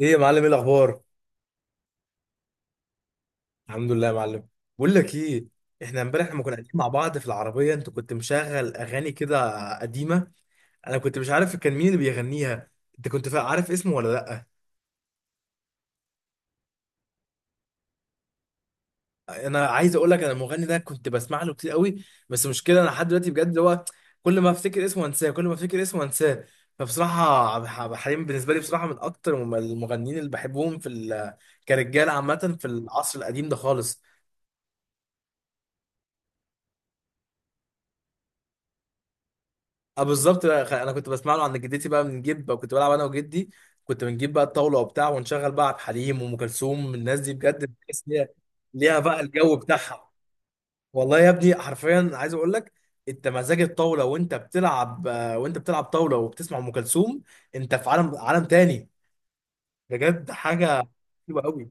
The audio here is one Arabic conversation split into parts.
ايه يا معلم، ايه الاخبار؟ الحمد لله يا معلم. بقول لك ايه. احنا امبارح لما كنا قاعدين مع بعض في العربيه انت كنت مشغل اغاني كده قديمه. انا كنت مش عارف كان مين اللي بيغنيها. انت كنت عارف اسمه ولا لا؟ انا عايز اقول لك، انا المغني ده كنت بسمع له كتير قوي، بس مشكله انا لحد دلوقتي بجد اللي هو كل ما افتكر اسمه انساه، كل ما افتكر اسمه انساه. فبصراحه عبد الحليم بالنسبه لي بصراحه من اكتر المغنيين اللي بحبهم في كرجاله عامه في العصر القديم ده خالص. اه بالظبط بقى، انا كنت بسمع له عند جدتي بقى، بنجيب بقى كنت بلعب انا وجدي، كنت بنجيب بقى الطاوله وبتاع ونشغل بقى عبد الحليم وام كلثوم. الناس دي بجد بتحس إن هي ليها بقى الجو بتاعها. والله يا ابني حرفيا عايز اقول لك، انت مزاج الطاوله وانت بتلعب وانت بتلعب طاوله وبتسمع ام كلثوم، انت في عالم تاني، بجد حاجه حلوه قوي.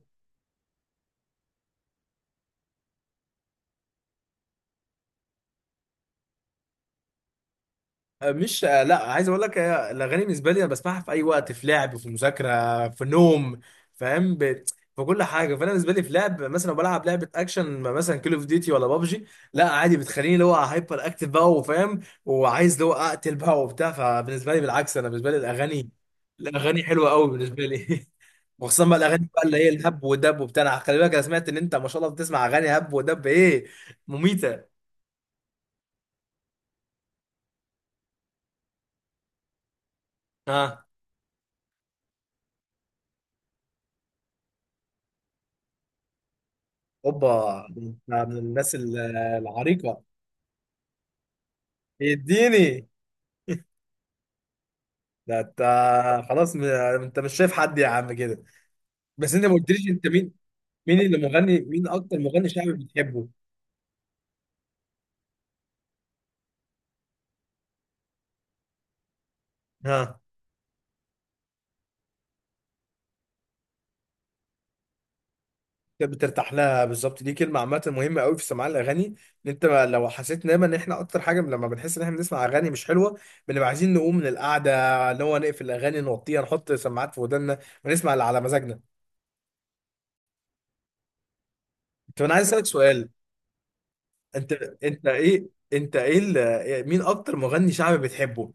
آه، مش آه، لا، عايز اقول لك الاغاني بالنسبه لي انا بسمعها في اي وقت، في لعب، في مذاكره، في نوم، فاهم. في كل حاجه. فانا بالنسبه لي في لعب، مثلا لو بلعب لعبه اكشن مثلا كول اوف ديوتي ولا بابجي، لا عادي بتخليني اللي هو هايبر اكتف بقى وفاهم وعايز اللي هو اقتل بقى وبتاع. فبالنسبه لي بالعكس، انا بالنسبه لي الاغاني حلوه قوي بالنسبه لي. وخصوصا بقى الاغاني بقى اللي هي الهب ودب وبتاع. أنا خلي بالك، انا سمعت ان انت ما شاء الله بتسمع اغاني هب ودب، ايه، مميته. اه. اوبا، ده انت من الناس العريقه، اديني، ده انت. خلاص. انت مش شايف حد يا عم كده، بس انت ما قلتليش انت مين. مين اللي مغني مين اكتر مغني شعبي بتحبه؟ ها. انت بترتاح لها بالظبط، دي كلمه عامه مهمه قوي في سماع الاغاني، ان انت لو حسيت دايما ان احنا اكتر حاجه لما بنحس ان احنا بنسمع اغاني مش حلوه، بنبقى عايزين نقوم من القعده، اللي هو نقفل الاغاني نوطيها، نحط سماعات في ودنا ونسمع اللي على مزاجنا. طب انا عايز اسالك سؤال. انت مين اكتر مغني شعبي بتحبه؟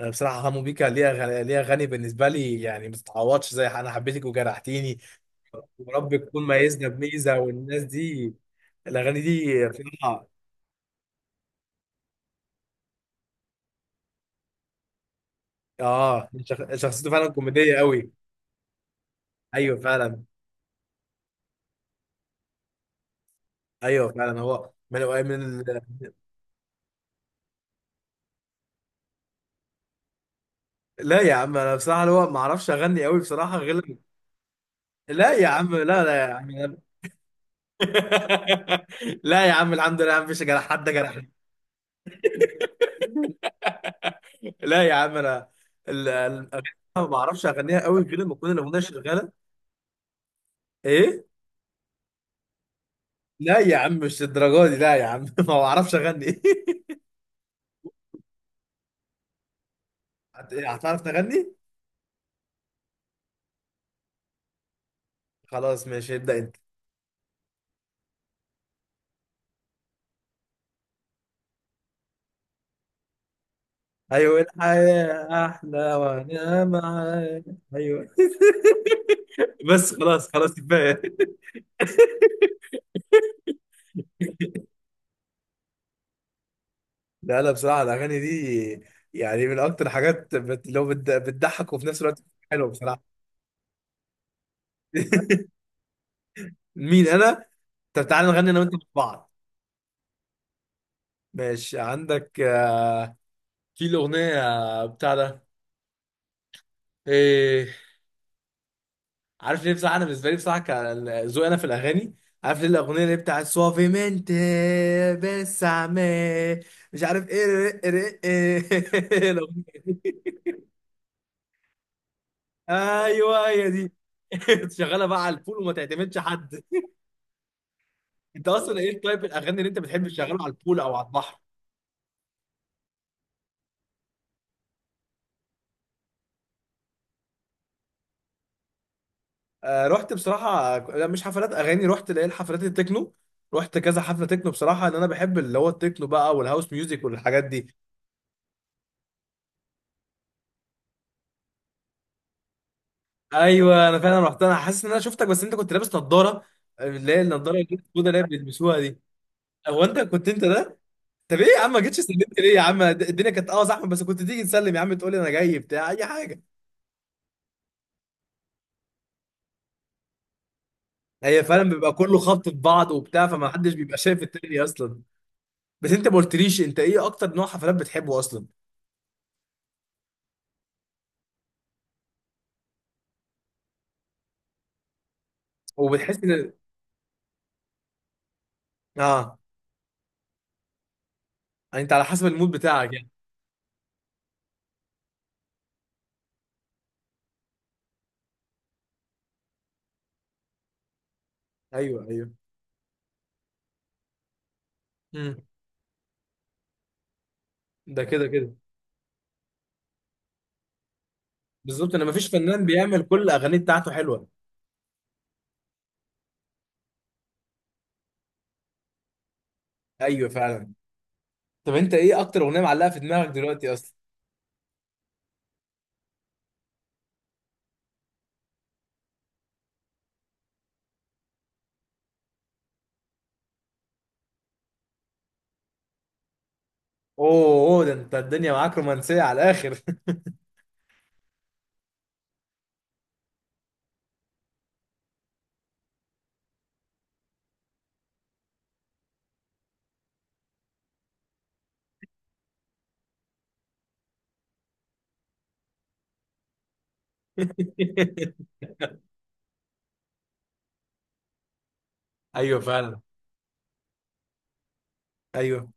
انا بصراحه حمو بيكا ليها غني بالنسبه لي، يعني ما تتعوضش، زي انا حبيتك وجرحتيني، ورب تكون ميزنا بميزه، والناس دي الاغاني دي بصراحه. اه، شخصيته فعلا كوميديه قوي. ايوه فعلا. ايوه فعلا، هو. لا يا عم، انا بصراحه اللي هو ما اعرفش اغني قوي بصراحه، غير لما. لا يا عم، لا، لا يا عم، لا. لا يا عم، الحمد لله مفيش جرح، حد جرح. لا يا عم، انا ال- ال- ما بعرفش اغنيها قوي غير لما تكون الاغنيه شغاله. ايه. لا يا عم، مش الدرجه دي، لا يا عم، ما بعرفش اغني. هتعرف تغني؟ خلاص ماشي، ابدا انت. ايوه، الحياه احلى وانا معاك، ايوه. بس خلاص خلاص كفايه. لا لا، بصراحه الاغاني دي يعني من اكتر حاجات بتضحك وفي نفس الوقت حلوه بصراحه. مين انا؟ طب تعالى نغني انا وانت مع بعض. ماشي، عندك في الاغنيه بتاع ده، إيه؟ عارف ليه بصراحة، أنا بالنسبة لي بصراحة كذوقي أنا في الأغاني، عارف ليه الأغنية اللي بتاعت سوافيمنت، بس عمال مش عارف إيه، إيه الأغنية دي. أيوه هي دي. تشغلها بقى على البول وما تعتمدش حد. أنت أصلا إيه، طيب الأغاني اللي أنت بتحب تشغلها على البول أو على البحر؟ آه، رحت بصراحة، لا مش حفلات أغاني، رحت ليه الحفلات التكنو. رحت كذا حفلة تكنو بصراحة، إن أنا بحب اللي هو التكنو بقى والهاوس ميوزك والحاجات دي. ايوه انا فعلا رحت، انا حاسس ان انا شفتك، بس انت كنت لابس نظاره، اللي هي النظاره السوداء اللي هي بيلبسوها دي. هو انت كنت انت ده؟ طب ايه يا عم، ما جيتش سلمت ليه يا عم، الدنيا كانت زحمه بس كنت تيجي تسلم يا عم، تقول لي انا جاي بتاع اي حاجه. هي فعلا بيبقى كله خبط في بعض وبتاع، فما حدش بيبقى شايف التاني اصلا. بس انت ما قلتليش، انت ايه اكتر نوع حفلات بتحبه اصلا؟ وبتحس ان اه انت على حسب المود بتاعك يعني. ايوه ايوه. امم ده كده كده. بالظبط، انا ما فيش فنان بيعمل كل الاغاني بتاعته حلوه. ايوه فعلا. طب انت ايه اكتر اغنيه معلقه في دماغك دلوقتي اصلا؟ اوه، أوه، ده انت الدنيا معاك رومانسيه على الاخر. ايوه فعلا. ايوه،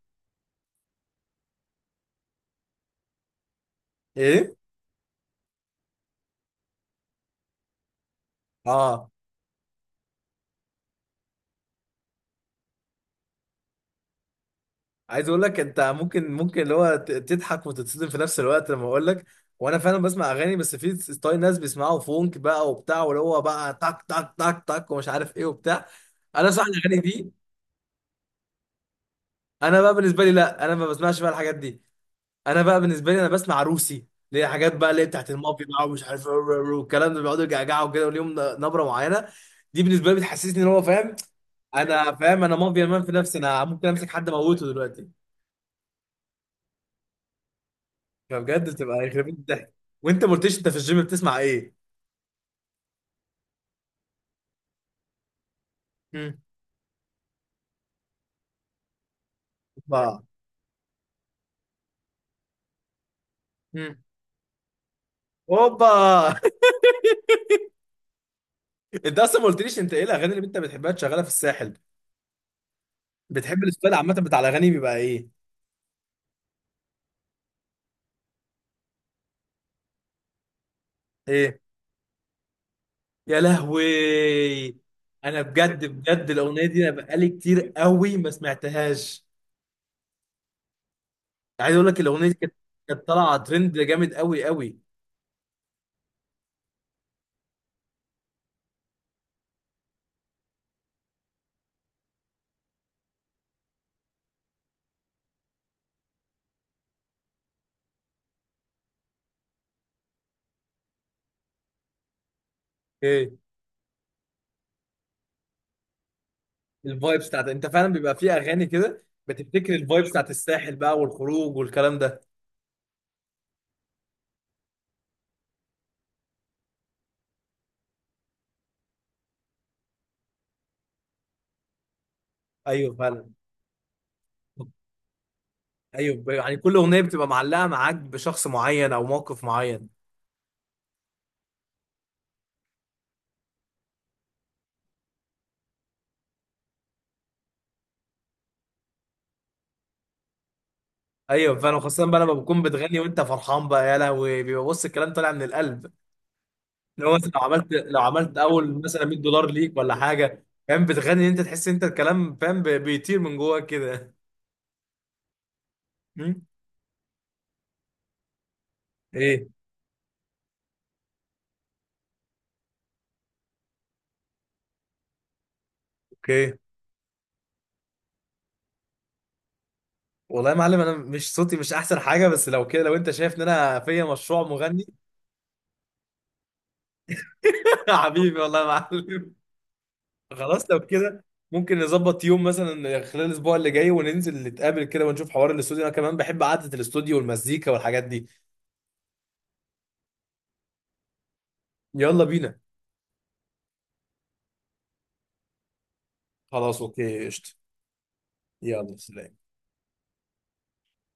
ايه، اه عايز اقول لك، انت ممكن اللي هو تضحك وتتصدم في نفس الوقت لما اقول لك، وانا فعلا بسمع اغاني، بس في ستايل ناس بيسمعوا فونك بقى وبتاع، واللي هو بقى تك تك تك تك ومش عارف ايه وبتاع، انا صح الاغاني دي. انا بقى بالنسبه لي لا، انا ما بسمعش بقى الحاجات دي. انا بقى بالنسبه لي، انا بسمع روسي، اللي هي حاجات بقى اللي هي بتاعت المافيا بقى، ومش عارف رو- رو- رو، والكلام ده بيقعدوا يجعجعوا كده وليهم نبره معينه. دي بالنسبه لي بتحسسني ان هو فاهم، انا فاهم انا مافيا مان في نفسي، انا ممكن امسك حد اموته دلوقتي. فبجد بتبقى يخرب بيت الضحك. وانت ما قلتليش، انت في الجيم بتسمع ايه؟ مم. اوبا. مم. اوبا. انت اصلا ما قلتليش، انت ايه الاغاني اللي انت بتحبها تشغلها في الساحل؟ بتحب الستايل عامه بتاع الاغاني بيبقى ايه؟ ايه؟ يا لهوي. انا بجد بجد الاغنيه دي انا بقالي كتير قوي ما سمعتهاش. عايز اقول لك، الاغنيه دي كانت طالعه ترند جامد قوي قوي. ايه. الفايبس بتاعت، انت فعلا بيبقى في اغاني كده بتفتكر الفايبس بتاعت الساحل بقى والخروج والكلام ده. ايوه فعلا. ايوه، يعني كل اغنيه بتبقى معلقه معاك بشخص معين او موقف معين. ايوه فعلا، خاصه بقى لما بتكون بتغني وانت فرحان بقى، يا لهوي بيبقى بص الكلام طالع من القلب. لو عملت اول مثلا 100 دولار ليك ولا حاجه فاهم، بتغني انت، تحس انت الكلام فاهم بيطير من جواك كده. مم؟ ايه. اوكي. والله يا معلم، انا مش صوتي مش احسن حاجه، بس لو كده، لو انت شايف ان انا فيا مشروع مغني. حبيبي والله يا معلم، خلاص لو كده ممكن نظبط يوم مثلا خلال الاسبوع اللي جاي وننزل نتقابل كده، ونشوف حوار الاستوديو، انا كمان بحب قعده الاستوديو والمزيكا والحاجات دي. يلا بينا. خلاص اوكي قشطه. يلا سلام.